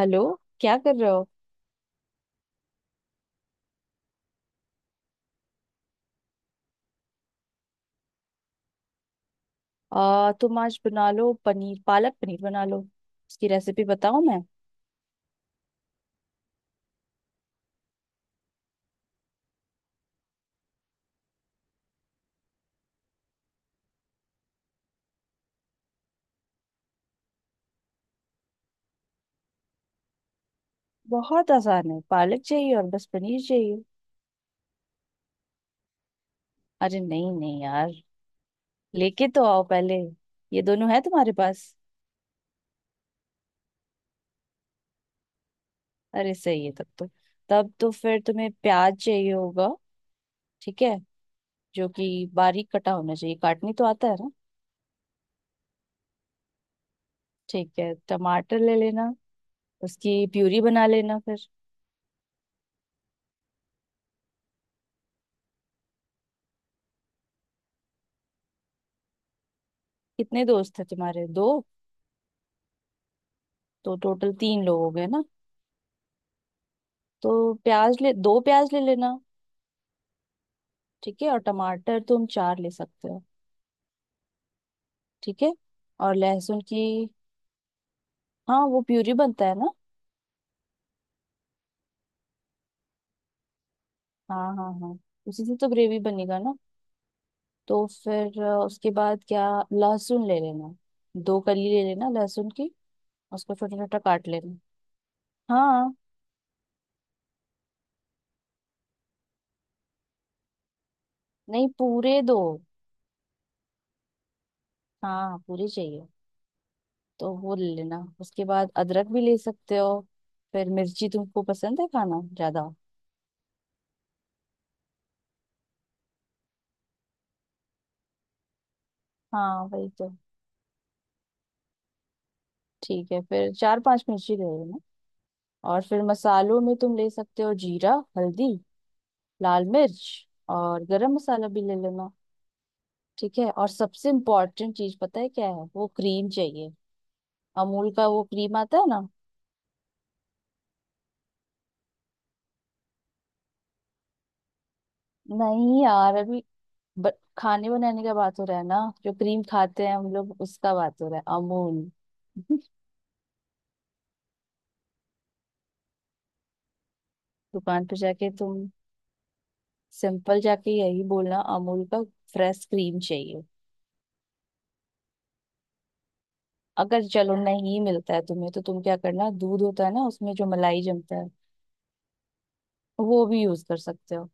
Hello. क्या कर रहे हो? तुम आज बना लो पनीर। पालक पनीर बना लो, उसकी रेसिपी बताऊं मैं। बहुत आसान है। पालक चाहिए और बस पनीर चाहिए। अरे नहीं नहीं यार, लेके तो आओ पहले। ये दोनों है तुम्हारे पास? अरे सही है तब तो फिर तुम्हें प्याज चाहिए होगा। ठीक है। जो कि बारीक कटा होना चाहिए। काटनी तो आता है ना? ठीक है। टमाटर ले लेना, उसकी प्यूरी बना लेना फिर। कितने दोस्त है तुम्हारे? दो? तो टोटल तीन लोग हो गए ना। तो प्याज ले दो प्याज ले लेना। ठीक है। और टमाटर तुम चार ले सकते हो। ठीक है। और लहसुन की। हाँ, वो प्यूरी बनता है ना। हाँ हाँ हाँ। उसी से तो ग्रेवी बनेगा ना। तो फिर, उसके बाद क्या, लहसुन ले लेना। दो कली ले लेना लहसुन की। उसको छोटा छोटा काट लेना। हाँ। नहीं, पूरे दो। हाँ, पूरे चाहिए। तो वो ले लेना। उसके बाद अदरक भी ले सकते हो। फिर मिर्ची तुमको पसंद है खाना ज्यादा? हाँ, वही तो। ठीक है। फिर चार पांच मिर्ची ले लेना। और फिर मसालों में तुम ले सकते हो जीरा, हल्दी, लाल मिर्च। और गरम मसाला भी ले लेना। ठीक है। और सबसे इम्पोर्टेंट चीज पता है क्या है? वो क्रीम चाहिए। अमूल का वो क्रीम आता है ना। नहीं यार अभी, ब, खाने बनाने का बात हो रहा है ना। जो क्रीम खाते हैं हम लोग, उसका बात हो रहा है। अमूल। दुकान पे जाके तुम सिंपल जाके यही बोलना, अमूल का फ्रेश क्रीम चाहिए। अगर चलो नहीं मिलता है तुम्हें, तो तुम क्या करना, दूध होता है ना, उसमें जो मलाई जमता है, वो भी यूज कर सकते हो।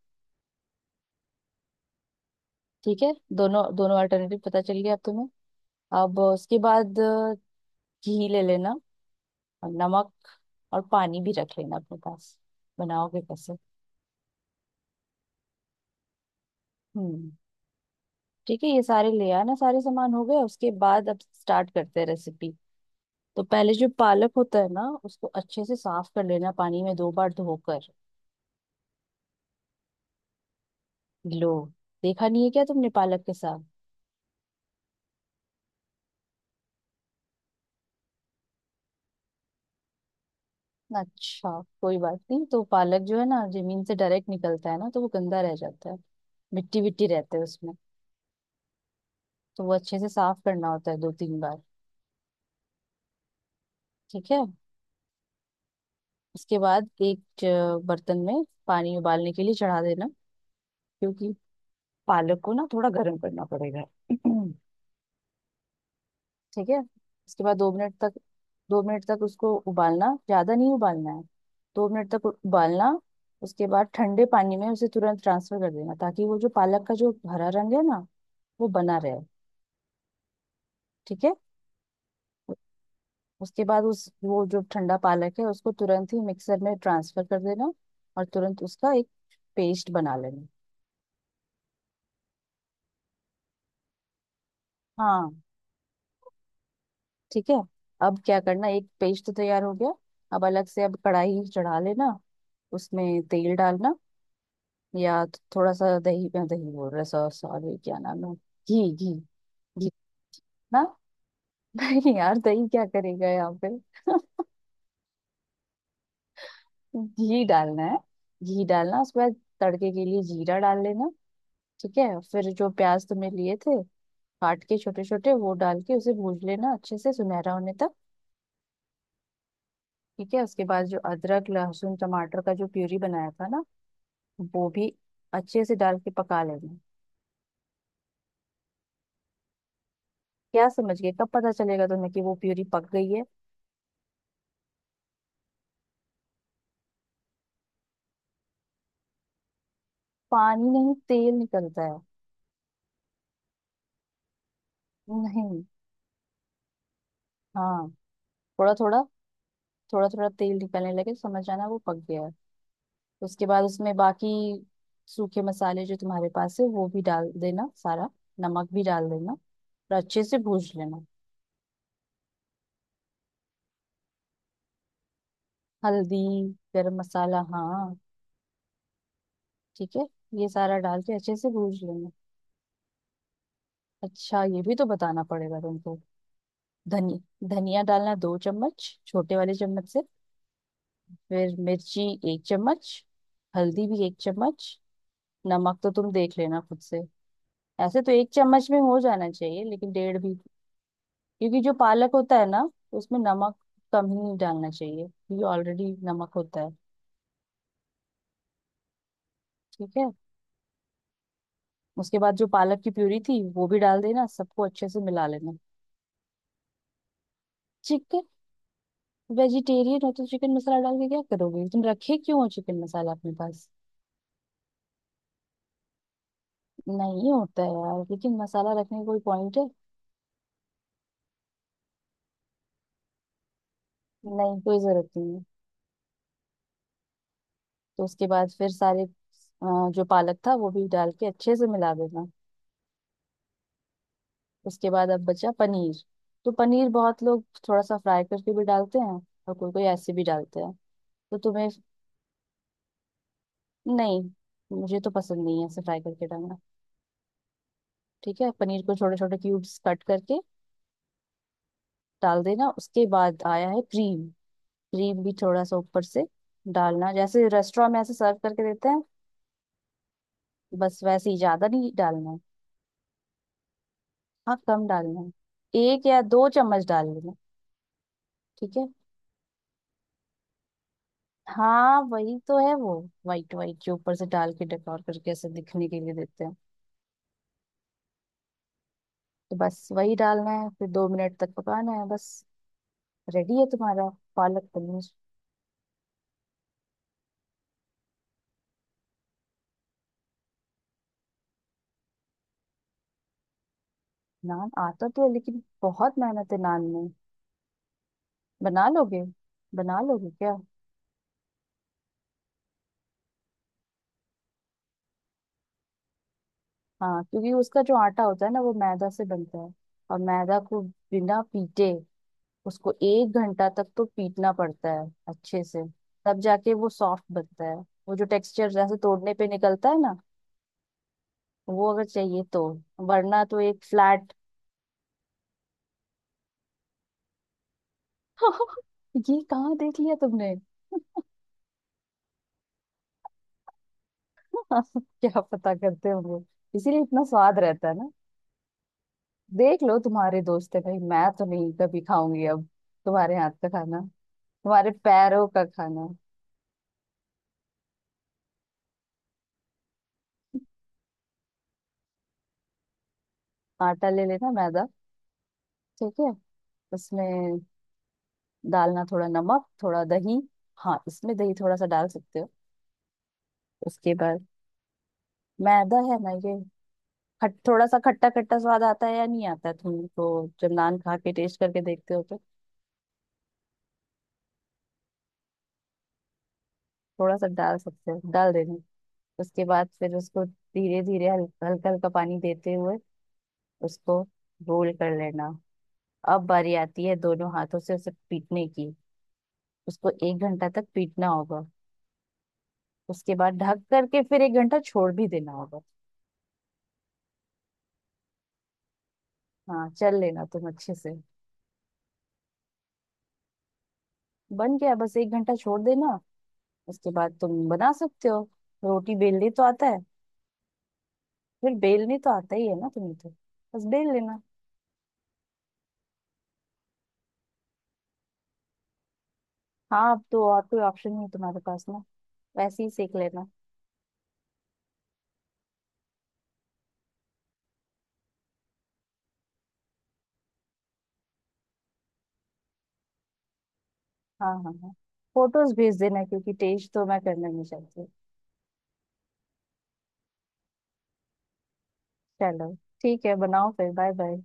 ठीक है, दोनों दोनों अल्टरनेटिव पता चल गया अब तुम्हें। अब उसके बाद, घी ले लेना। और नमक। और पानी भी रख लेना अपने पास। बनाओगे कैसे? हम्म। ठीक है। ये सारे ले आना। सारे सामान हो गए। उसके बाद अब स्टार्ट करते हैं रेसिपी। तो पहले जो पालक होता है ना, उसको अच्छे से साफ कर लेना, पानी में 2 बार धोकर। लो, देखा नहीं है क्या तुमने पालक के साथ? अच्छा, कोई बात नहीं। तो पालक जो है ना, जमीन से डायरेक्ट निकलता है ना, तो वो गंदा रह जाता है। मिट्टी विट्टी रहते हैं उसमें। तो वो अच्छे से साफ करना होता है 2-3 बार। ठीक है। उसके बाद एक बर्तन में पानी उबालने के लिए चढ़ा देना। क्योंकि पालक को ना थोड़ा गर्म करना पड़ेगा। ठीक है। उसके बाद दो मिनट तक उसको उबालना। ज्यादा नहीं उबालना है। 2 मिनट तक उबालना। उसके बाद ठंडे पानी में उसे तुरंत ट्रांसफर कर देना, ताकि वो जो पालक का जो हरा रंग है ना, वो बना रहे। ठीक है। उ- उसके बाद उस वो जो ठंडा पालक है, उसको तुरंत ही मिक्सर में ट्रांसफर कर देना। और तुरंत उसका एक पेस्ट बना लेना। हाँ। ठीक है। अब क्या करना, एक पेस्ट तो तैयार हो गया। अब अलग से, अब कढ़ाई चढ़ा लेना। उसमें तेल डालना। या थोड़ा सा दही, दही बोल रहा, सॉरी, क्या नाम है, घी घी घी ना। नहीं यार, दही क्या करेगा यहाँ पे। घी डालना है। घी डालना। उसके बाद तड़के के लिए जीरा डाल लेना। ठीक है। फिर जो प्याज तुमने लिए थे, काट के छोटे छोटे, वो डाल के उसे भून लेना अच्छे से सुनहरा होने तक। ठीक है। उसके बाद जो अदरक लहसुन टमाटर का जो प्यूरी बनाया था ना, वो भी अच्छे से डाल के पका लेना। क्या समझ गए? कब पता चलेगा तुम्हें कि वो प्यूरी पक गई है? पानी नहीं, तेल निकलता है। नहीं। हाँ। थोड़ा थोड़ा। थोड़ा थोड़ा तेल निकलने लगे तो समझ आना वो पक गया है। उसके बाद उसमें बाकी सूखे मसाले जो तुम्हारे पास है, वो भी डाल देना सारा। नमक भी डाल देना और अच्छे से भूज लेना। हल्दी। गरम मसाला, हाँ। ठीक है। ये सारा डाल के अच्छे से भूज लेना। अच्छा, ये भी तो बताना पड़ेगा तुमको। धनिया, धनिया डालना 2 चम्मच, छोटे वाले चम्मच से। फिर मिर्ची, 1 चम्मच। हल्दी भी 1 चम्मच। नमक तो तुम देख लेना खुद से। ऐसे तो 1 चम्मच में हो जाना चाहिए, लेकिन डेढ़ भी। क्योंकि जो पालक होता है ना, उसमें नमक कम ही नहीं डालना चाहिए, क्योंकि ऑलरेडी नमक होता है। ठीक है। उसके बाद जो पालक की प्यूरी थी वो भी डाल देना, सबको अच्छे से मिला लेना। चिकन? वेजिटेरियन हो तो चिकन मसाला डाल के क्या करोगे? तुम रखे क्यों हो चिकन मसाला अपने पास? नहीं होता है यार, लेकिन मसाला रखने का कोई पॉइंट है? नहीं, कोई जरूरत नहीं है। तो उसके बाद फिर सारे, जो पालक था वो भी डाल के अच्छे से मिला देना। उसके बाद अब बचा पनीर। तो पनीर बहुत लोग थोड़ा सा फ्राई करके भी डालते हैं। और कोई कोई ऐसे भी डालते हैं। तो तुम्हें। नहीं, मुझे तो पसंद नहीं है ऐसे फ्राई करके डालना। ठीक है। पनीर को छोटे छोटे क्यूब्स कट करके डाल देना। उसके बाद आया है क्रीम। क्रीम भी थोड़ा सा ऊपर से डालना, जैसे रेस्टोरेंट में ऐसे सर्व करके देते हैं। बस वैसे ही, ज्यादा नहीं डालना है। हाँ, कम डालना है। एक या दो चम्मच डाल लेना। ठीक है। हाँ, वही तो है वो। वाइट वाइट जो ऊपर से डाल के डेकोर करके ऐसे दिखने के लिए देते हैं। तो बस वही डालना है, फिर 2 मिनट तक पकाना है बस। रेडी है तुम्हारा पालक पनीर। नान आता तो है, लेकिन बहुत मेहनत है नान में। बना लोगे? बना लोगे क्या? हाँ, क्योंकि उसका जो आटा होता है ना, वो मैदा से बनता है। और मैदा को बिना पीटे, उसको 1 घंटा तक तो पीटना पड़ता है अच्छे से। तब जाके वो सॉफ्ट बनता है। वो जो टेक्सचर जैसे तोड़ने पे निकलता है ना, वो अगर चाहिए तो। वरना तो एक फ्लैट। ये कहाँ देख लिया तुमने? क्या पता करते होंगे। इसीलिए इतना स्वाद रहता है ना। देख लो, तुम्हारे दोस्त है भाई, मैं तो नहीं कभी खाऊंगी अब। तुम्हारे हाथ का खाना, तुम्हारे पैरों का खाना। आटा ले लेना, मैदा। ठीक है। उसमें डालना थोड़ा नमक, थोड़ा दही। हाँ, इसमें दही थोड़ा सा डाल सकते हो। उसके बाद मैदा है ना ये। खट थोड़ा सा खट्टा खट्टा स्वाद आता है या नहीं आता है? तुम तो जब नान खा के टेस्ट करके देखते हो तो। थोड़ा सा डाल सकते हो, डाल देना। उसके बाद फिर उसको धीरे धीरे, हल्का हल्का पानी देते हुए, उसको रोल कर लेना। अब बारी आती है दोनों हाथों से उसे पीटने की। उसको 1 घंटा तक पीटना होगा। उसके बाद ढक करके फिर 1 घंटा छोड़ भी देना होगा। हाँ, चल लेना तुम अच्छे से। बन गया, बस 1 घंटा छोड़ देना। उसके बाद तुम बना सकते हो। रोटी बेलने तो आता है? फिर बेलनी तो आता ही है ना तुम्हें तो। बस बेल लेना। हाँ, अब तो और कोई ऑप्शन नहीं है तुम्हारे पास ना। वैसे ही सेक लेना। हाँ हाँ हाँ। फोटोज भेज देना, क्योंकि टेस्ट तो मैं करना नहीं चाहती। चलो, ठीक है, बनाओ फिर। Bye bye.